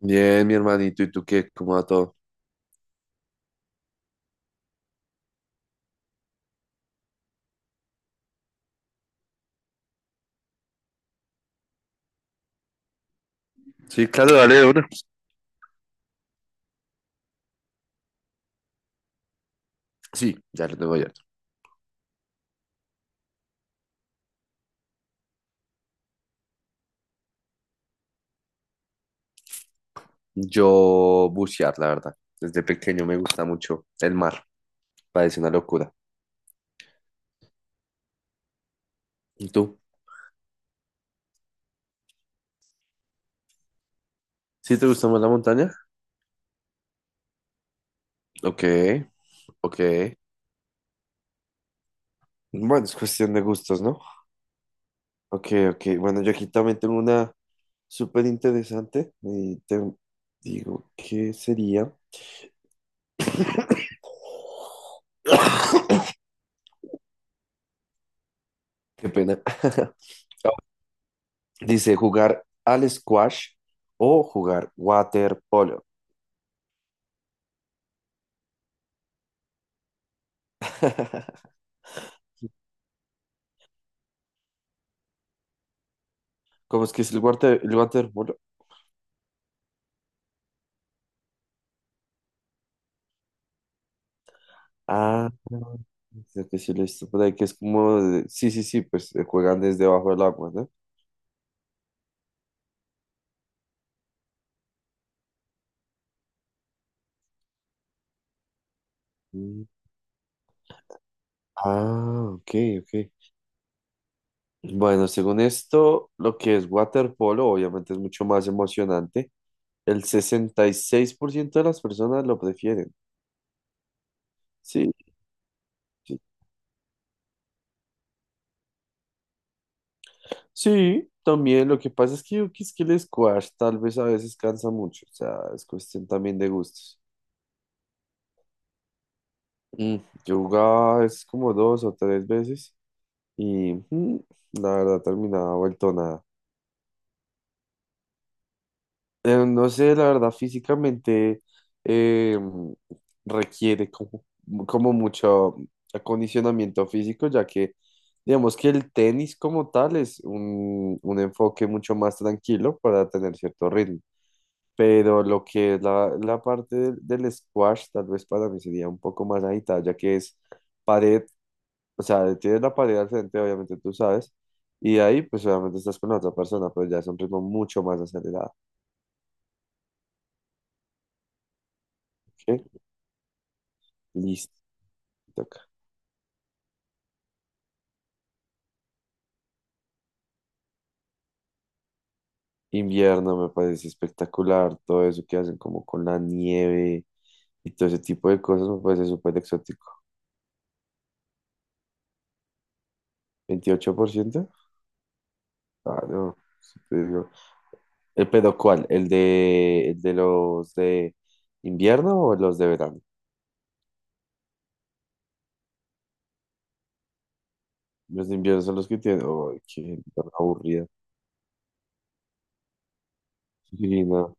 Bien, mi hermanito, ¿y tú qué? ¿Cómo va todo? Sí, claro, dale de una. Sí, ya lo tengo ya. Yo bucear, la verdad. Desde pequeño me gusta mucho el mar. Parece una locura. ¿Y tú? ¿Sí te gusta más la montaña? Ok, ok. Bueno, es cuestión de gustos, ¿no? Ok, ok. Bueno, yo aquí también tengo una súper interesante. Y te digo, ¿qué sería? Qué pena. A Dice jugar al squash o jugar waterpolo. ¿Cómo es que es el water, el waterpolo? Ah, creo que sí lo he visto por ahí, que es como, sí, sí, sí, pues juegan desde bajo del agua, ¿no? Mm. Ah, ok, ok. Bueno, según esto, lo que es waterpolo obviamente es mucho más emocionante. El 66% de las personas lo prefieren. Sí, sí, sí, también lo que pasa es que yo quis que el squash tal vez a veces cansa mucho, o sea, es cuestión también de gustos. Mm, yo jugaba es como dos o tres veces y la verdad terminaba vuelto nada. No sé, la verdad físicamente eh, requiere como mucho acondicionamiento físico, ya que digamos que el tenis como tal es un enfoque mucho más tranquilo para tener cierto ritmo. Pero lo que es la parte del squash, tal vez para mí sería un poco más agitada, ya que es pared, o sea, tienes la pared al frente, obviamente tú sabes, y ahí pues obviamente estás con la otra persona, pero ya es un ritmo mucho más acelerado. ¿Ok? Listo, te toca. Invierno me parece espectacular, todo eso que hacen como con la nieve y todo ese tipo de cosas me parece súper exótico. ¿28%? Ah, no, ¿el pedo cuál? ¿El de los de invierno o los de verano? Los de invierno son los que tienen. ¡Ay, qué gente tan aburrida! Sí, no.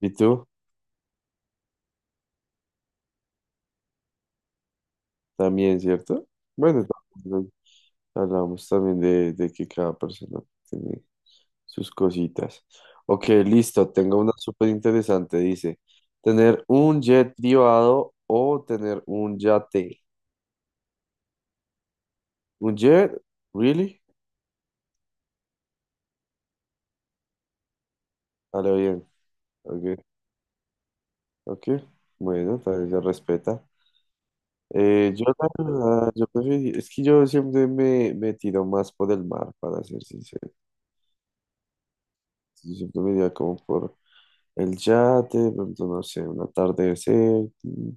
¿Y tú? También, ¿cierto? Bueno, también hablamos también de que cada persona tiene sus cositas. Ok, listo. Tengo una súper interesante. Dice: ¿tener un jet privado o tener un yate? ¿Un jet? ¿Really? A lo bien. Ok, ok. Bueno, también se respeta. Yo, la verdad, es que yo siempre me tiro más por el mar, para ser sincero. Yo siempre me iría como por el yate, de pronto, no sé, un atardecer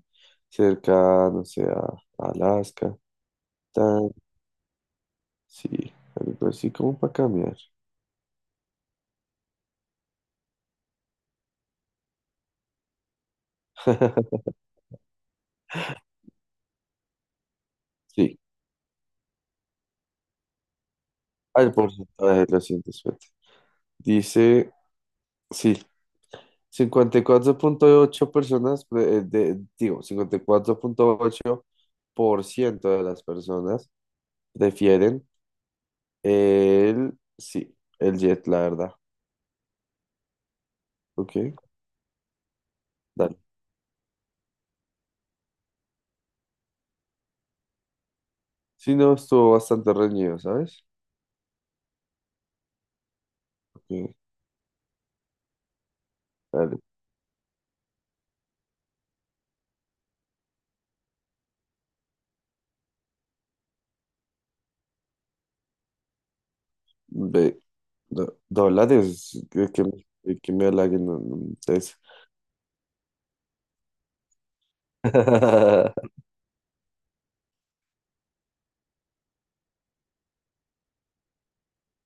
cerca, no sé, a Alaska, tan, sí, algo así como para cambiar. Sí, al porcentaje lo siento, suerte. Dice, sí, 54.8 personas, digo, 54.8% de las personas prefieren sí, el jet, la verdad. Ok, dale. Sí, no, estuvo bastante reñido, ¿sabes? Ok, dale. Ve, dólares, que me de que me halaguen no, no, entonces.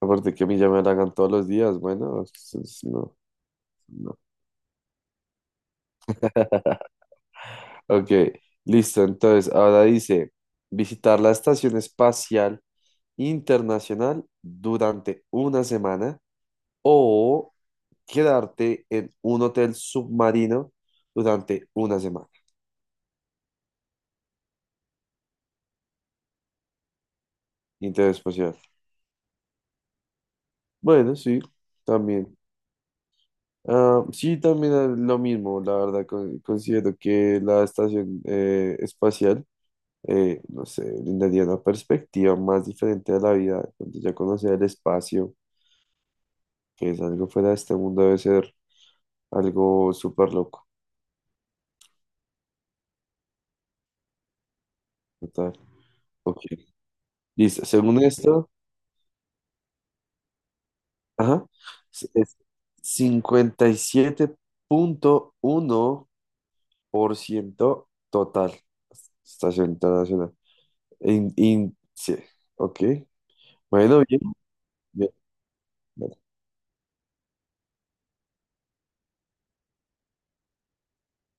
Aparte que a mí ya me halagan todos los días, bueno, no, no. Ok, listo, entonces, ahora dice, visitar la Estación Espacial Internacional durante una semana o quedarte en un hotel submarino durante una semana. Interespacial. Bueno, sí, también. Ah, sí, también es lo mismo, la verdad, considero que la estación espacial, no sé, brindaría una perspectiva más diferente de la vida, donde ya conocer el espacio, que es algo fuera de este mundo, debe ser algo súper loco. Total. Ok. Listo. Según esto, ajá. Es 57.1% total. Estación internacional. Sí. Ok. Bueno, bien, bien, bien.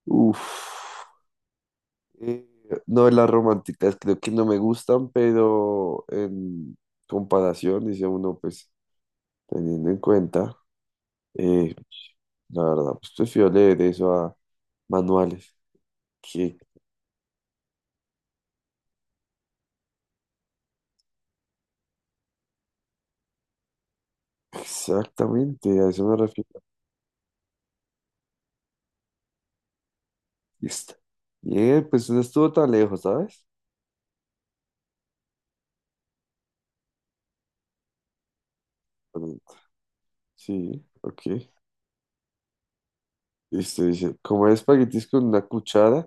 Uf. Eh, no, las románticas creo que no me gustan, pero en comparación, dice uno, pues teniendo en cuenta, eh, la verdad, pues prefiero leer eso a manuales. Que exactamente, a eso me refiero. Listo. Bien, pues no estuvo tan lejos, ¿sabes? Pero- Sí, ok. Listo, dice, comer espaguetis con una cuchara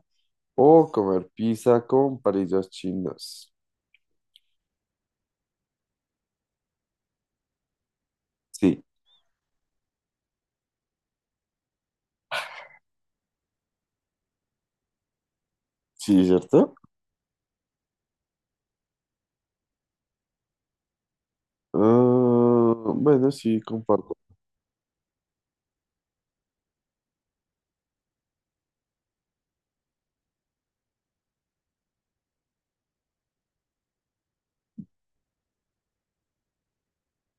o comer pizza con palillos chinos. Sí, sí, ¿cierto? Ah, bueno, sí, comparto.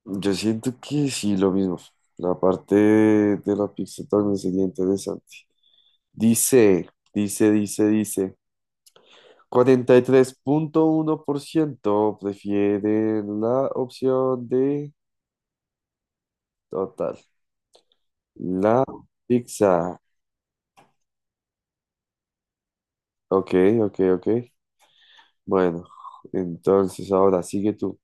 Yo siento que sí, lo mismo. La parte de la pizza también sería interesante. Dice. 43.1% prefieren la opción de. Total. La pizza. Ok, ok, ok. Bueno, entonces ahora sigue tú.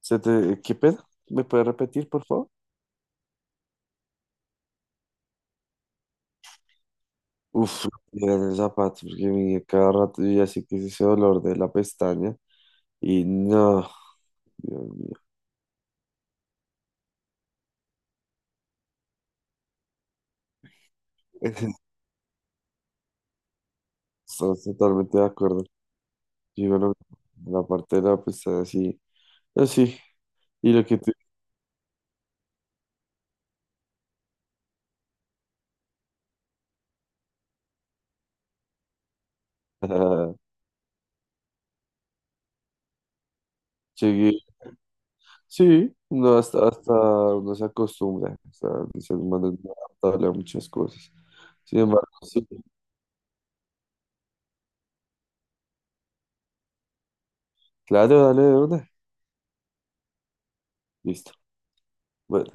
¿Qué pedo? ¿Me puedes repetir, por favor? Uf, era en el zapato, porque mi cada rato yo ya sé que es ese dolor de la pestaña. Y no, Dios mío. Estamos totalmente de acuerdo. Y bueno, la parte de la pestaña, sí. Así. Y lo que tú. Llegué Sí, no, hasta uno se acostumbra, o sea, se manda a muchas cosas. Sin embargo, sí, claro, dale de una. Listo. Bueno,